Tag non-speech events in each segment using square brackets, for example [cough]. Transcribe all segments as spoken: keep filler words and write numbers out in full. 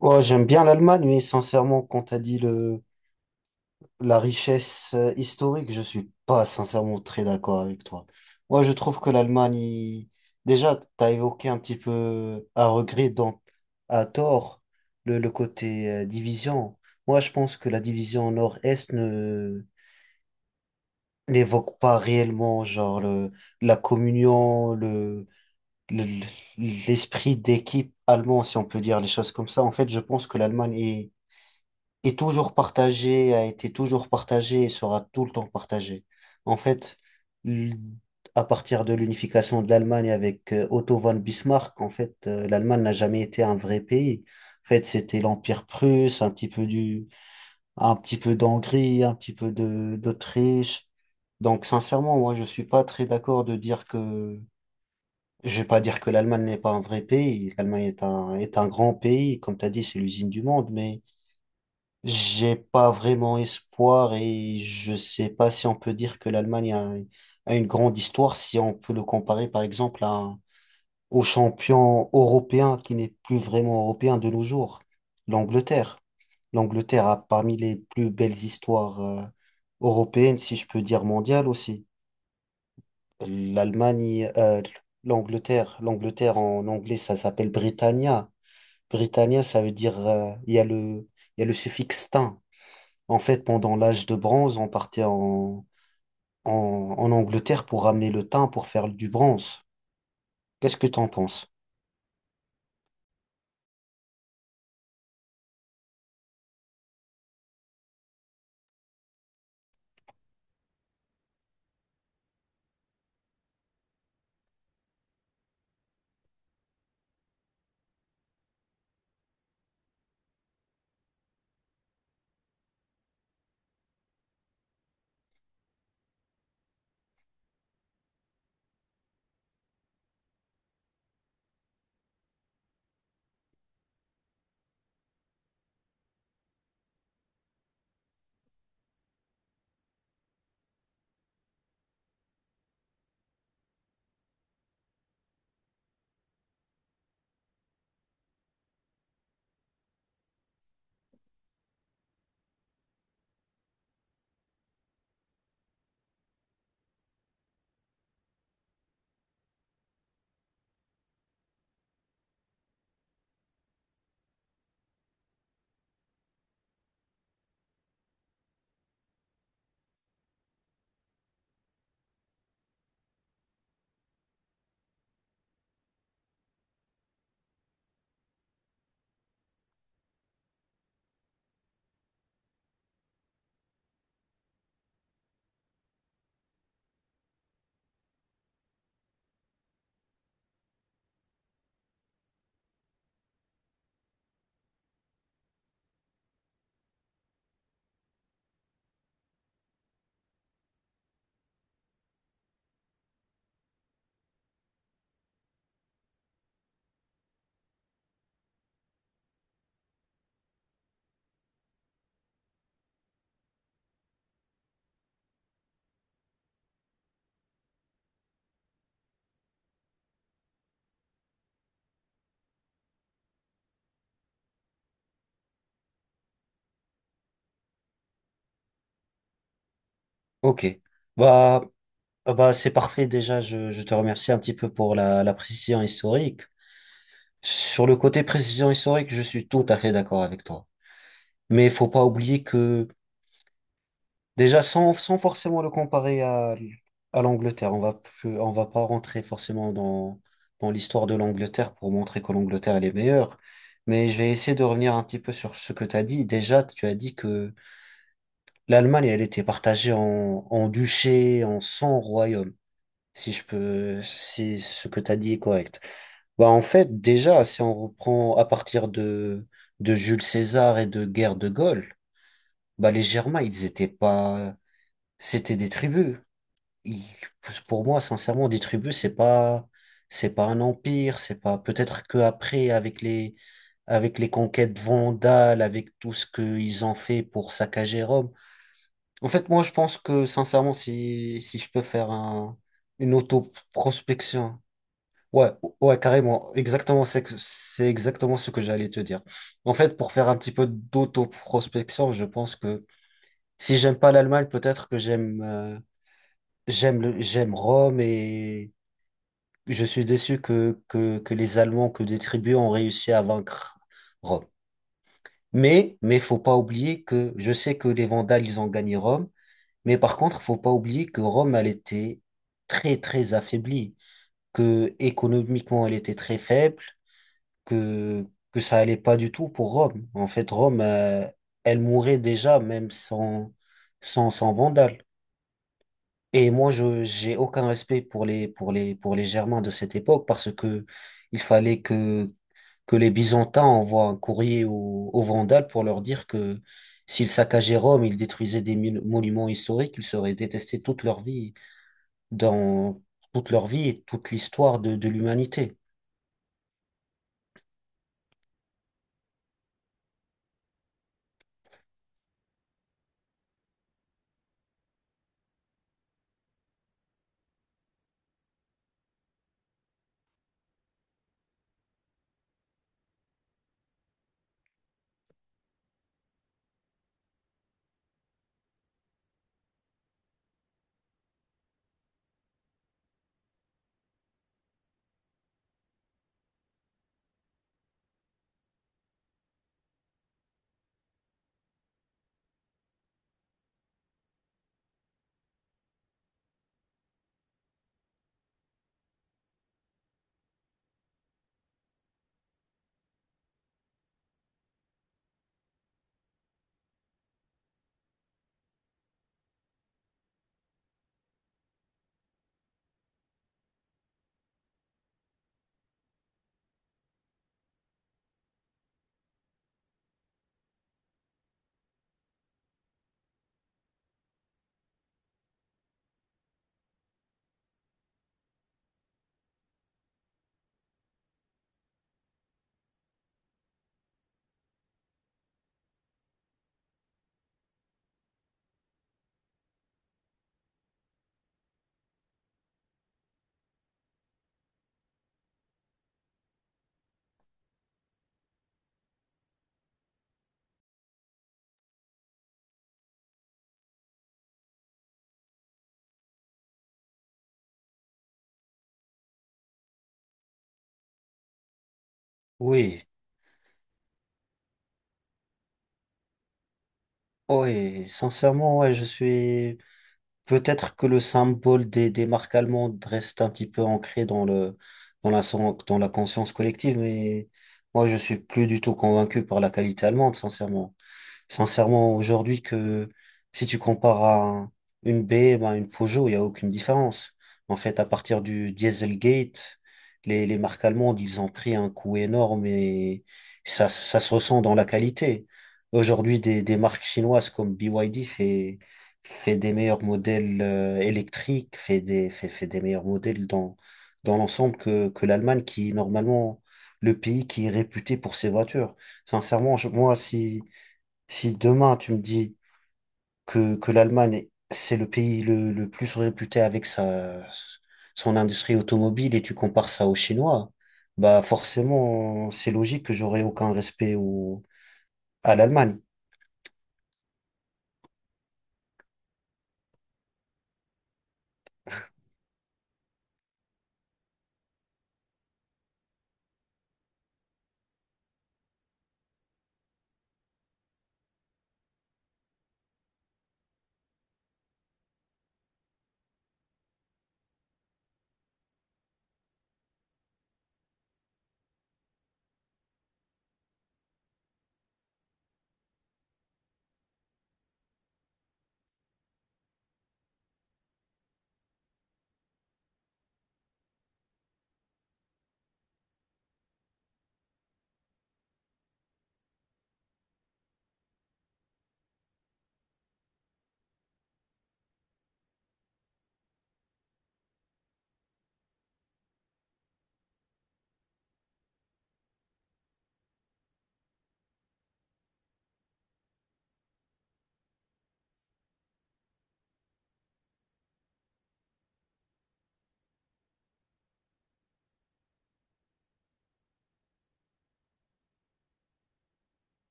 Ouais, j'aime bien l'Allemagne, mais sincèrement, quand t'as dit le, la richesse euh, historique, je suis pas sincèrement très d'accord avec toi. Moi, je trouve que l'Allemagne, il- déjà, t'as évoqué un petit peu à regret, donc à tort, le, le côté euh, division. Moi, je pense que la division nord-est ne n'évoque pas réellement genre le, la communion, le, le- l'esprit d'équipe allemand, si on peut dire les choses comme ça. En fait, je pense que l'Allemagne est est toujours partagé, a été toujours partagé et sera tout le temps partagé. En fait, l- à partir de l'unification de l'Allemagne avec euh, Otto von Bismarck, en fait, euh, l'Allemagne n'a jamais été un vrai pays. En fait, c'était l'Empire prusse, un petit peu du, un petit peu d'Hongrie, un petit peu de, d'Autriche. Donc, sincèrement, moi, je suis pas très d'accord de dire que, je vais pas dire que l'Allemagne n'est pas un vrai pays. L'Allemagne est un, est un grand pays. Comme tu as dit, c'est l'usine du monde, mais j'ai pas vraiment espoir et je sais pas si on peut dire que l'Allemagne a, a une grande histoire si on peut le comparer par exemple à, au champion européen qui n'est plus vraiment européen de nos jours, l'Angleterre. L'Angleterre a parmi les plus belles histoires euh, européennes, si je peux dire mondiales aussi. L'Allemagne, euh, l'Angleterre, l'Angleterre en anglais ça s'appelle Britannia. Britannia ça veut dire euh, il y a le il y a le suffixe -tin. En fait, pendant l'âge de bronze, on partait en, en, en Angleterre pour ramener le thym pour faire du bronze. Qu'est-ce que t'en penses? Ok. Bah, ah bah c'est parfait déjà. Je, je te remercie un petit peu pour la, la précision historique. Sur le côté précision historique, je suis tout à fait d'accord avec toi. Mais il faut pas oublier que déjà, sans, sans forcément le comparer à, à l'Angleterre, on va, peu- on va pas rentrer forcément dans, dans l'histoire de l'Angleterre pour montrer que l'Angleterre elle est meilleure. Mais je vais essayer de revenir un petit peu sur ce que tu as dit. Déjà, tu as dit que l'Allemagne, elle était partagée en, en duché, en cent royaumes. Si je peux, si ce que tu as dit est correct. Bah, en fait, déjà, si on reprend à partir de, de Jules César et de guerre de Gaulle, bah, les Germains, ils étaient pas, c'était des tribus, il- pour moi, sincèrement, des tribus, c'est pas, c'est pas un empire, c'est pas, peut-être que après, avec les, avec les conquêtes vandales, avec tout ce qu'ils ont fait pour saccager Rome. En fait, moi, je pense que, sincèrement, si, si je peux faire un, une auto-prospection. Ouais, ouais, carrément, exactement, c'est, que- c'est exactement ce que j'allais te dire. En fait, pour faire un petit peu d'auto-prospection, je pense que si j'aime pas l'Allemagne, peut-être que j'aime, euh, j'aime le, j'aime Rome et je suis déçu que, que, que les Allemands, que des tribus ont réussi à vaincre Rome. Mais mais faut pas oublier que je sais que les Vandales, ils ont gagné Rome, mais par contre, faut pas oublier que Rome, elle était très, très affaiblie, que économiquement, elle était très faible, que, que ça allait pas du tout pour Rome. En fait, Rome, euh, elle mourait déjà, même sans, sans, sans Vandales. Et moi, je, j'ai aucun respect pour les, pour les, pour les Germains de cette époque parce que il fallait que, que les Byzantins envoient un courrier aux, aux Vandales pour leur dire que s'ils saccageaient Rome, ils détruisaient des mil- monuments historiques, ils seraient détestés toute leur vie, dans toute leur vie et toute l'histoire de, de l'humanité. Oui, oui, sincèrement, ouais, je suis. Peut-être que le symbole des, des marques allemandes reste un petit peu ancré dans le, dans la, son- dans la conscience collective, mais moi, je suis plus du tout convaincu par la qualité allemande, sincèrement. Sincèrement, aujourd'hui, que si tu compares à une B M à une Peugeot, il n'y a aucune différence. En fait, à partir du Dieselgate, les, les marques allemandes, ils ont pris un coup énorme et ça, ça se ressent dans la qualité. Aujourd'hui, des, des marques chinoises comme B Y D fait, fait des meilleurs modèles euh, électriques, fait des, fait, fait des meilleurs modèles dans, dans l'ensemble que, que l'Allemagne, qui est normalement le pays qui est réputé pour ses voitures. Sincèrement, je- moi, si, si demain tu me dis que, que l'Allemagne, c'est le pays le, le plus réputé avec sa, son industrie automobile et tu compares ça aux Chinois, bah forcément, c'est logique que j'aurai aucun respect au, à l'Allemagne.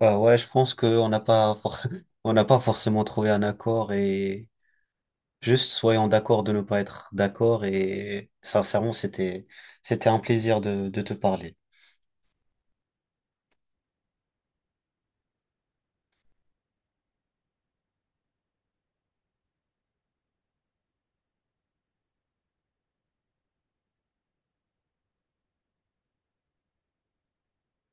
Bah ouais, je pense qu'on n'a pas, for- [laughs] on n'a pas forcément trouvé un accord et juste soyons d'accord de ne pas être d'accord et sincèrement, c'était, c'était un plaisir de, de te parler.